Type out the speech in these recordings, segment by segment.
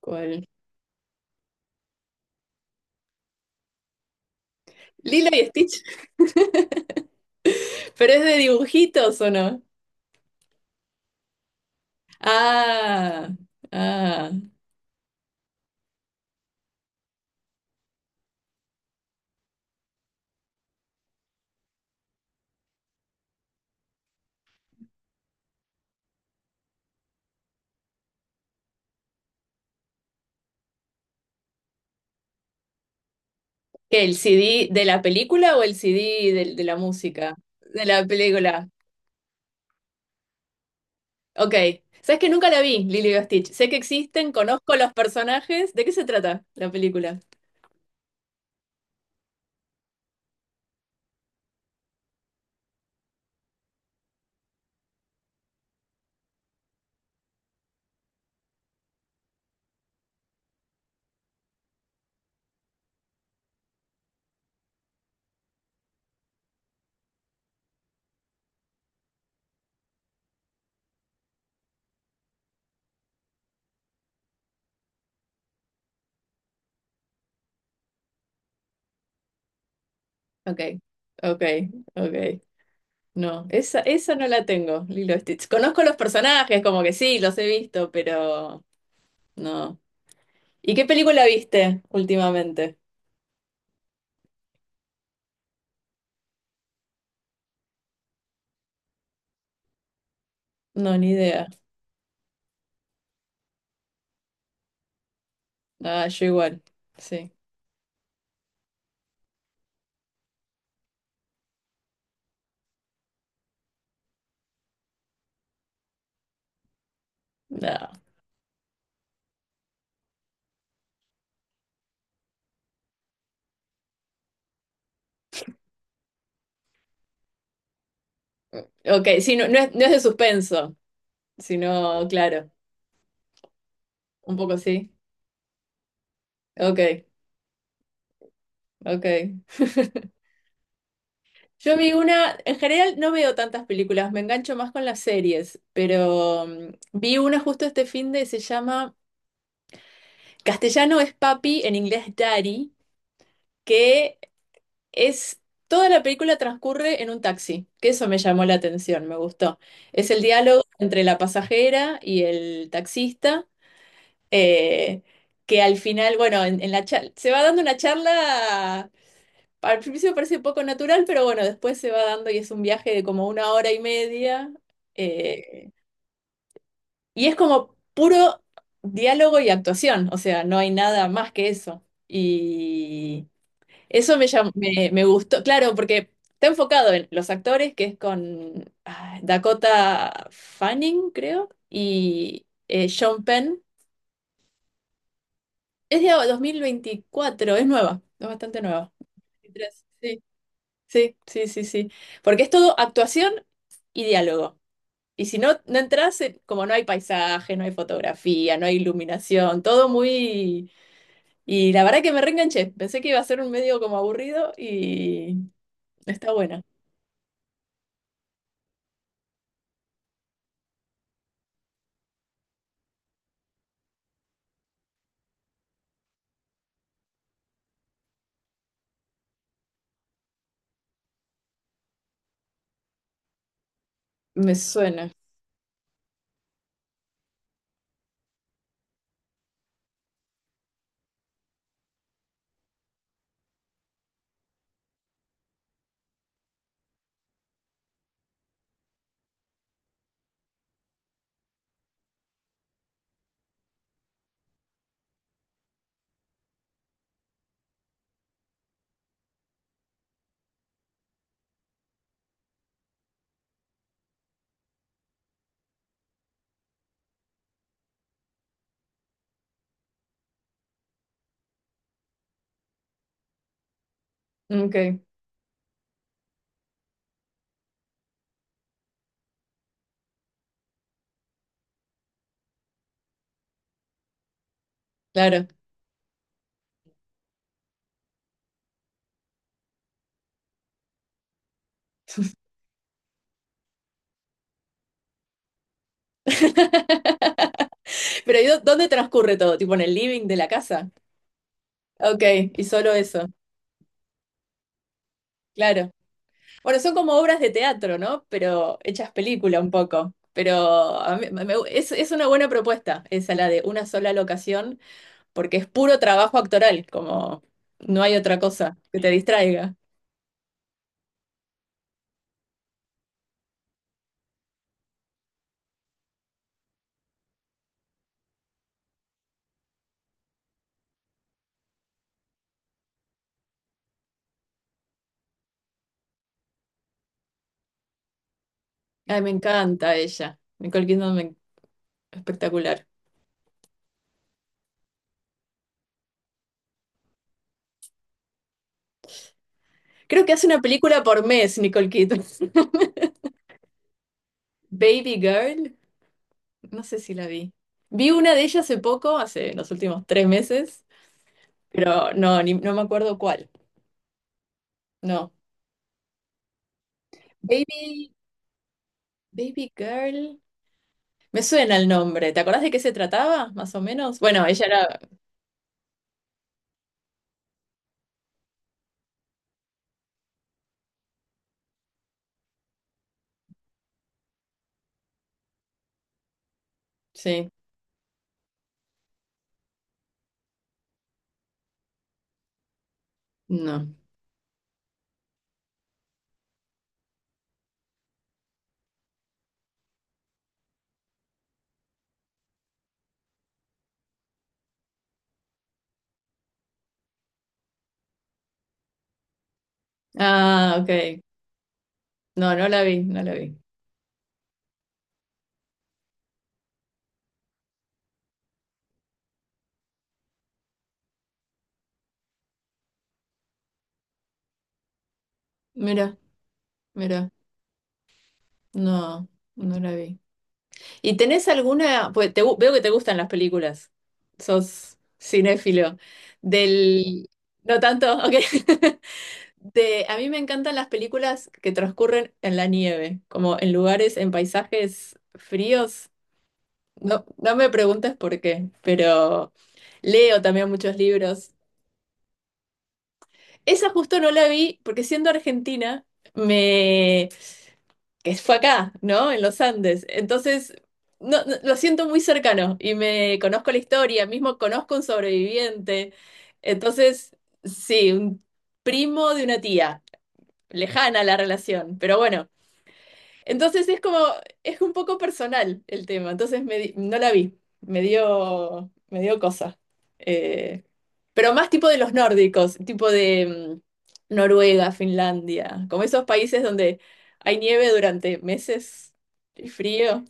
¿Cuál? Lilo y Stitch. ¿Pero es de dibujitos o no? Ah, ah. ¿Qué, el CD de la película o el CD de la música? De la película. Ok. ¿Sabes que nunca la vi, Lilo y Stitch? Sé que existen, conozco los personajes. ¿De qué se trata la película? Ok, ok, ok. No, esa no la tengo, Lilo y Stitch. Conozco los personajes, como que sí, los he visto, pero no. ¿Y qué película viste últimamente? No, ni idea. Ah, yo igual. Sí. No. Ok, sí, no, no es de suspenso, sino, claro, un poco sí. Ok, ok. Yo vi una, en general no veo tantas películas, me engancho más con las series, pero vi una justo este fin de, se llama Castellano es papi, en inglés daddy, que es, toda la película transcurre en un taxi, que eso me llamó la atención, me gustó. Es el diálogo entre la pasajera y el taxista. eh, que al final, bueno, en la charla, se va dando una charla, al principio parece poco natural, pero bueno, después se va dando y es un viaje de como una hora y media, eh, y es como puro diálogo y actuación, o sea, no hay nada más que eso. Y eso me gustó, claro, porque está enfocado en los actores, que es con Dakota Fanning, creo, y Sean Penn. Es de 2024, es nueva, es bastante nueva. 23, sí, sí, sí, sí, sí. Porque es todo actuación y diálogo. Y si no, no entras, como no hay paisaje, no hay fotografía, no hay iluminación, todo muy... Y la verdad que me reenganché. Pensé que iba a ser un medio como aburrido y está buena. Me suena. Ok, claro. Pero ¿y dónde transcurre todo? ¿Tipo en el living de la casa? Ok, y solo eso. Claro. Bueno, son como obras de teatro, ¿no? Pero hechas película un poco. Pero a mí- me- me- es una buena propuesta esa, la de una sola locación, porque es puro trabajo actoral, como no hay otra cosa que te distraiga. Ay, me encanta ella. Nicole Kidman, espectacular. Creo que hace una película por mes, Nicole Kidman. Baby Girl, no sé si la vi. Vi una de ellas hace poco, hace los últimos 3 meses, pero no, no me acuerdo cuál. No. Baby, Baby Girl. Me suena el nombre. ¿Te acordás de qué se trataba, más o menos? Bueno, ella era... Sí, no. Ah, ok. No, no la vi, no la vi. Mira, mira. No, no la vi. ¿Y tenés alguna... Pues veo que te gustan las películas. Sos cinéfilo. Del... No tanto, ok. A mí me encantan las películas que transcurren en la nieve, como en lugares, en paisajes fríos. No, no me preguntes por qué, pero leo también muchos libros. Esa justo no la vi porque siendo argentina, me... que fue acá, ¿no? En los Andes. Entonces, no, lo siento muy cercano y me conozco la historia, mismo conozco un sobreviviente. Entonces, sí, un primo de una tía, lejana la relación, pero bueno. Entonces es como, es un poco personal el tema, entonces no la vi, me dio cosa. Eh, pero más tipo de los nórdicos, tipo de Noruega, Finlandia, como esos países donde hay nieve durante meses y frío.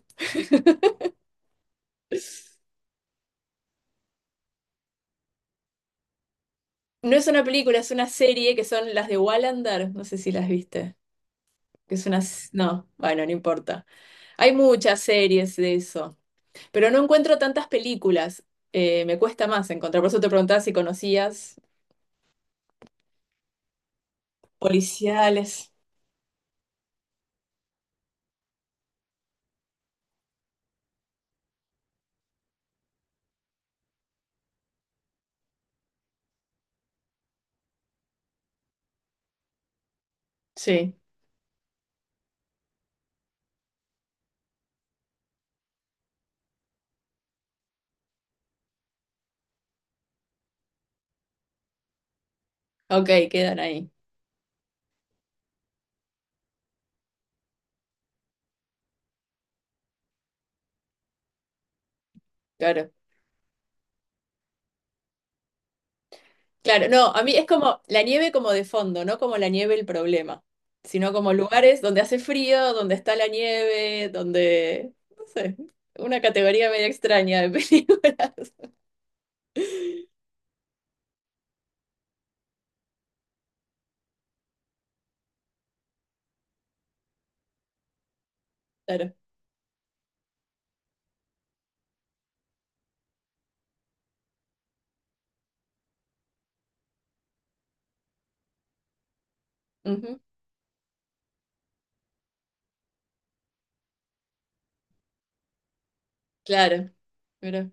No es una película, es una serie que son las de Wallander, no sé si las viste, que es una... No, bueno, no importa. Hay muchas series de eso. Pero no encuentro tantas películas. Me cuesta más encontrar. Por eso te preguntaba si conocías policiales. Sí, ok, quedan ahí. Claro. Claro, no, a mí es como la nieve como de fondo, no como la nieve el problema, sino como lugares donde hace frío, donde está la nieve, donde, no sé, una categoría medio extraña de películas. Claro. Ujú, claro. Pero,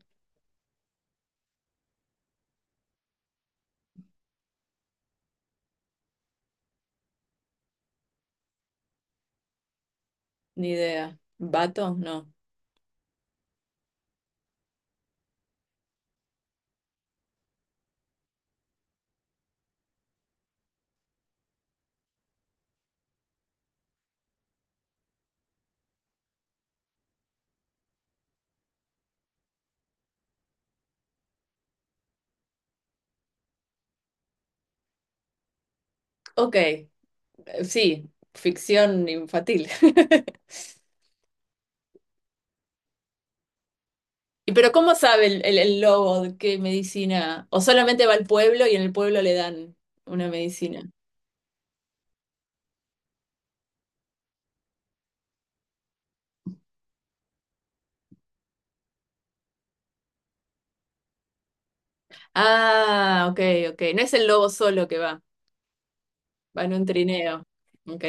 ni idea. ¿Vato? No. Ok, sí, ficción infantil. Pero ¿cómo sabe el lobo de qué medicina? ¿O solamente va al pueblo y en el pueblo le dan una medicina? Ah, ok, ok. No es el lobo solo que va, en un trineo. Ok,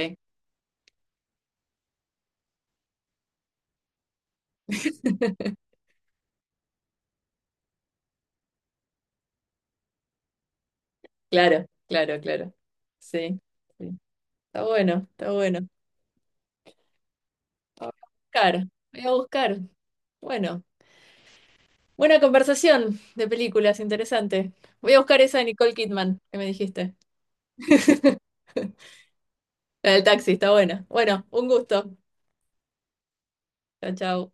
claro, claro, claro. Sí, sí. Está bueno, está bueno. Voy a buscar, voy a buscar. Bueno, buena conversación de películas, interesante. Voy a buscar esa de Nicole Kidman que me dijiste. La del taxi, está buena. Bueno, un gusto. Chao, chao.